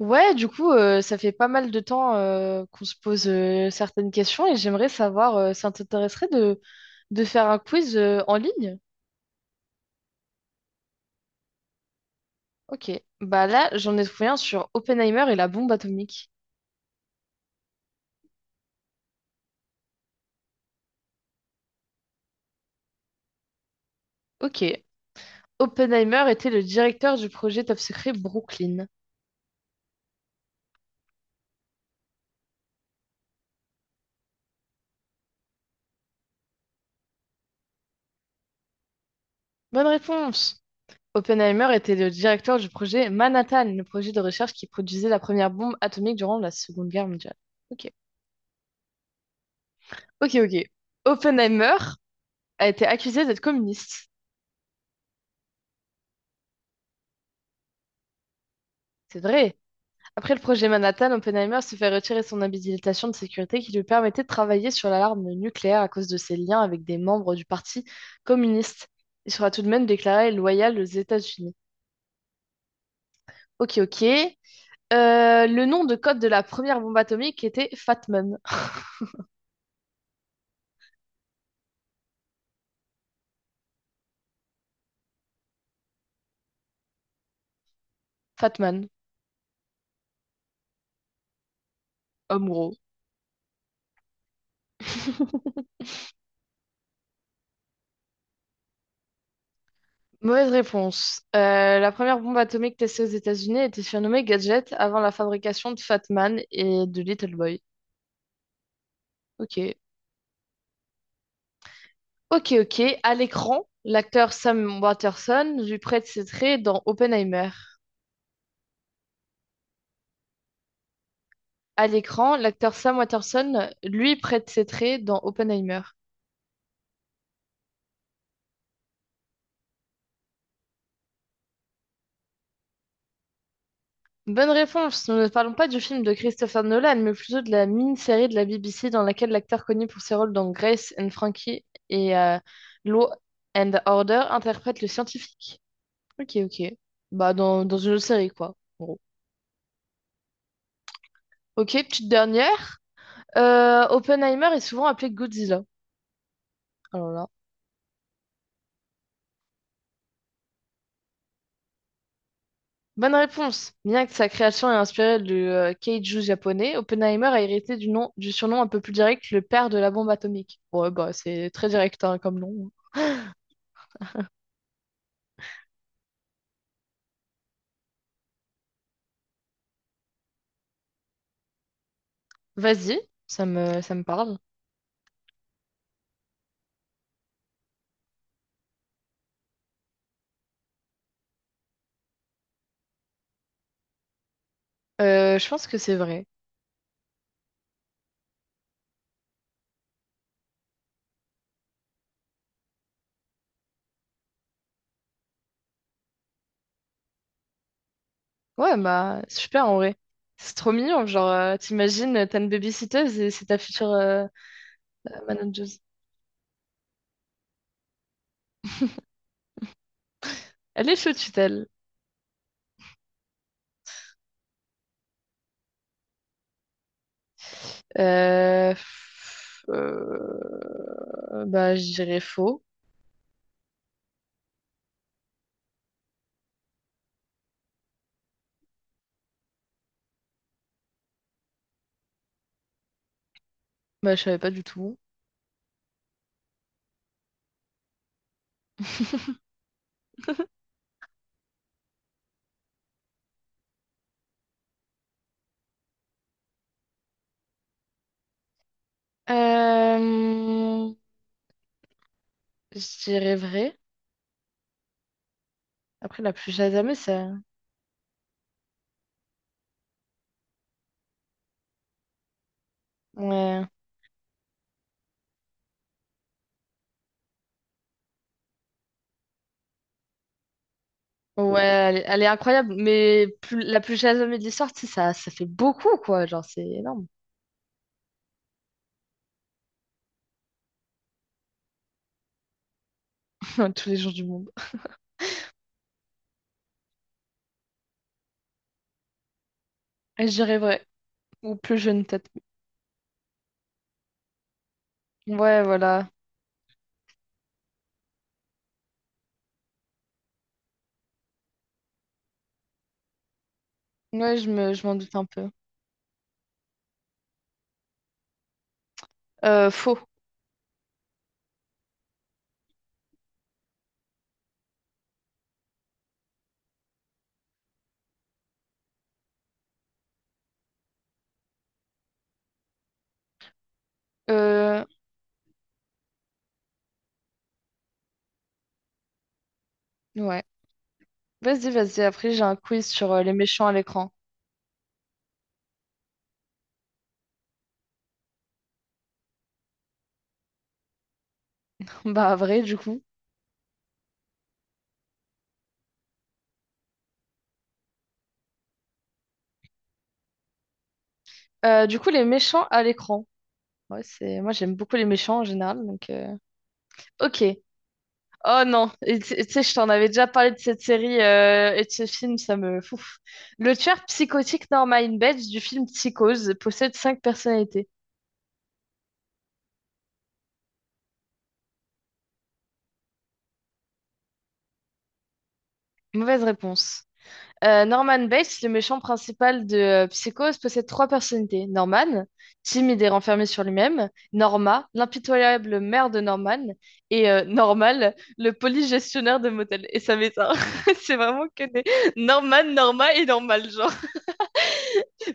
Ouais, du coup, ça fait pas mal de temps qu'on se pose certaines questions et j'aimerais savoir, ça t'intéresserait de faire un quiz en ligne? Ok. Bah là, j'en ai trouvé un sur Oppenheimer et la bombe atomique. Ok. Oppenheimer était le directeur du projet Top Secret Brooklyn. Bonne réponse. Oppenheimer était le directeur du projet Manhattan, le projet de recherche qui produisait la première bombe atomique durant la Seconde Guerre mondiale. Ok. Ok, ok. Oppenheimer a été accusé d'être communiste. C'est vrai. Après le projet Manhattan, Oppenheimer se fait retirer son habilitation de sécurité qui lui permettait de travailler sur l'alarme nucléaire à cause de ses liens avec des membres du Parti communiste. Il sera tout de même déclaré loyal aux États-Unis. Ok, ok. Le nom de code de la première bombe atomique était Fatman. Fatman, homme gros. Mauvaise réponse. La première bombe atomique testée aux États-Unis était surnommée Gadget avant la fabrication de Fatman et de Little Boy. Ok. Ok, ok. À l'écran, l'acteur Sam Waterston lui prête ses traits dans Oppenheimer. À l'écran, l'acteur Sam Waterston lui prête ses traits dans Oppenheimer. Bonne réponse. Nous ne parlons pas du film de Christopher Nolan, mais plutôt de la mini-série de la BBC dans laquelle l'acteur connu pour ses rôles dans Grace and Frankie et Law and Order interprète le scientifique. Ok, ok. Bah, dans une autre série, quoi, en gros. Ok, petite dernière. Oppenheimer est souvent appelé Godzilla. Alors là. Bonne réponse. Bien que sa création ait inspiré le keiju japonais, Oppenheimer a hérité du nom, du surnom un peu plus direct, le père de la bombe atomique. Ouais, bah c'est très direct hein, comme nom. Vas-y, ça me parle. Je pense que c'est vrai. Ouais, bah super en vrai. C'est trop mignon, genre t'imagines, t'as une babysitteuse et c'est ta future manageuse. Elle est sous tutelle. Bah je dirais faux. Bah je savais pas du tout. Euh, je dirais vrai. Après, la plus Shazamée, ça. Ouais. Ouais, elle est incroyable, mais plus, la plus Shazamée de l'histoire, tu sais, ça fait beaucoup, quoi. Genre, c'est énorme. Tous les jours du monde. Et je dirais vrai. Ou plus jeune, peut-être. Ouais, voilà. Ouais, je m'en doute un peu. Faux. Euh, ouais. Vas-y, vas-y. Après, j'ai un quiz sur les méchants à l'écran. Bah, vrai, du coup. Du coup, les méchants à l'écran. Ouais, c'est... Moi, j'aime beaucoup les méchants en général, donc... Ok. Oh non, et tu sais, je t'en avais déjà parlé de cette série et de ce film, ça me fouf. Le tueur psychotique Norman Bates du film Psychose possède cinq personnalités. Mauvaise réponse. Norman Bates, le méchant principal de Psychose, possède trois personnalités. Norman, timide et renfermé sur lui-même. Norma, l'impitoyable mère de Norman. Et Normal, le police gestionnaire de motel. Et ça m'éteint. C'est vraiment que des Norman, Norma et Normal.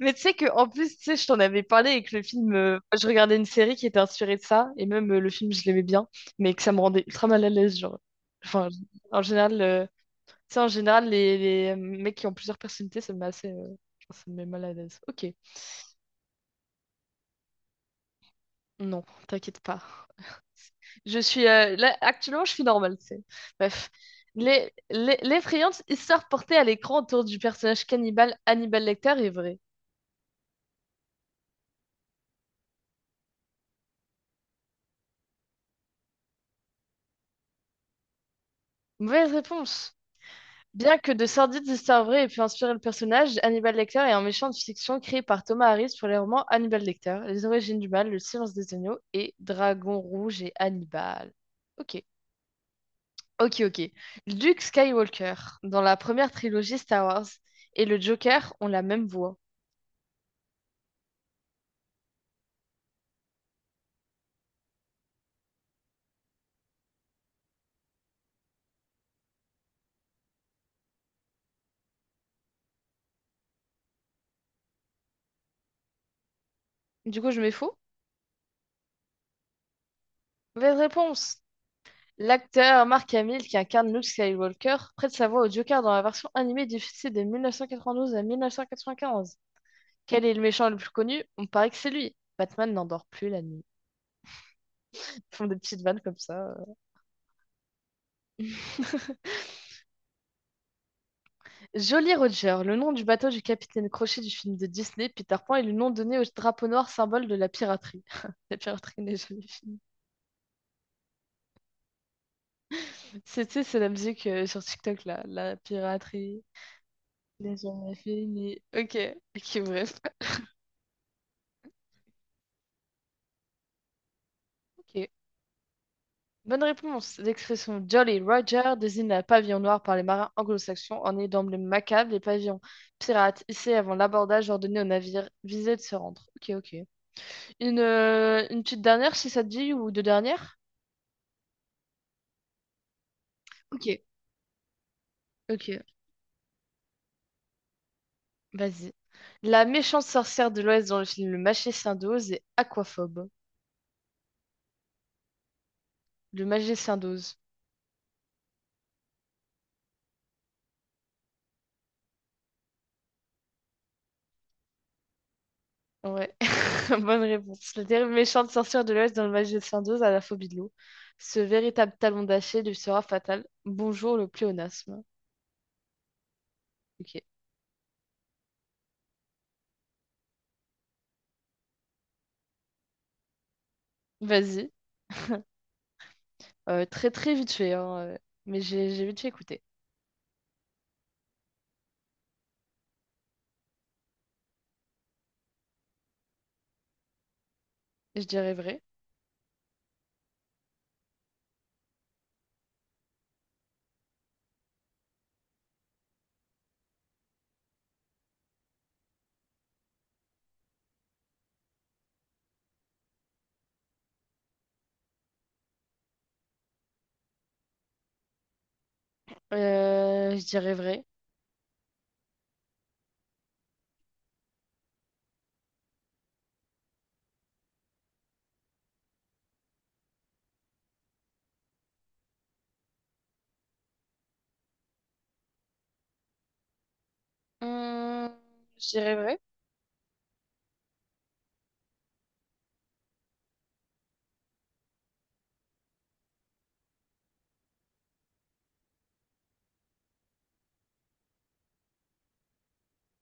Mais tu sais que en plus, tu sais, je t'en avais parlé avec le film. Je regardais une série qui était inspirée de ça, et même le film, je l'aimais bien, mais que ça me rendait ultra mal à l'aise, genre. Enfin, en général, tu sais, en général, les mecs qui ont plusieurs personnalités, ça me met assez, enfin, ça me met mal à l'aise. Ok, non, t'inquiète pas. Je suis là, actuellement, je suis normale, tu sais. Bref, l'effrayante histoire portée à l'écran autour du personnage cannibale Hannibal Lecter est vraie. Mauvaise réponse. Bien que de sordides histoires vraies aient pu inspirer le personnage, Hannibal Lecter est un méchant de fiction créé par Thomas Harris pour les romans Hannibal Lecter, Les Origines du Mal, Le Silence des Agneaux et Dragon Rouge et Hannibal. Ok, ok, ok. Luke Skywalker, dans la première trilogie Star Wars, et le Joker ont la même voix. Du coup, je mets faux? Mauvaise réponse! L'acteur Mark Hamill, qui incarne Luke Skywalker, prête sa voix au Joker dans la version animée diffusée de 1992 à 1995. Quel est le méchant le plus connu? On paraît que c'est lui. Batman n'endort plus la nuit. Ils font des petites vannes comme ça. Jolly Roger, le nom du bateau du capitaine Crochet du film de Disney, Peter Pan, est le nom donné au drapeau noir symbole de la piraterie. La piraterie n'est jamais finie. C'est, tu sais, c'est la musique sur TikTok là, la piraterie n'est jamais finie. Ok, ok, bref. Ok. Bonne réponse. L'expression Jolly Roger désigne la pavillon noir par les marins anglo-saxons en est d'emblème macabre les pavillons pirates hissés avant l'abordage ordonné aux navires visés de se rendre. Ok, ok. Une petite dernière, si ça te dit, ou deux dernières? Ok. Ok, vas-y. La méchante sorcière de l'Ouest dans le film Le Magicien d'Oz est aquaphobe. Le Magicien d'Oz. Ouais. Bonne réponse. Le terrible méchant de sorcière de l'Ouest dans le Magie de Saint-Dose a la phobie de l'eau. Ce véritable talon d'Achille lui sera fatal. Bonjour le pléonasme. Ok. Vas-y. Très très vite fait, hein, mais j'ai vite fait écouter. Je dirais vrai. Je dirais vrai. Hum, je dirais vrai.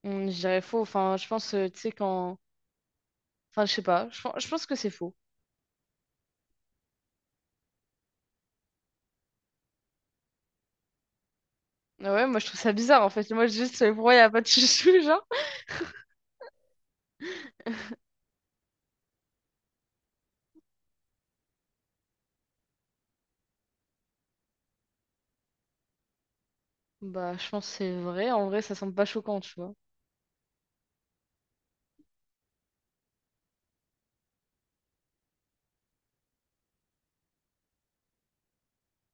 Je dirais faux. Enfin, je pense, tu sais, quand. Enfin, je sais pas. Je pense que c'est faux. Ah ouais, moi je trouve ça bizarre en fait. Moi, juste, pourquoi il n'y a pas de chouchou, genre? Bah, je pense que c'est vrai. En vrai, ça semble pas choquant, tu vois.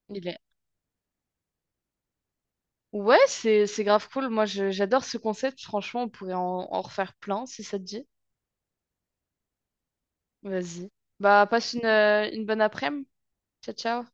Il est ouais, c'est grave cool. Moi, j'adore ce concept. Franchement, on pourrait en refaire plein si ça te dit. Vas-y. Bah, passe une bonne après-midi. Ciao, ciao.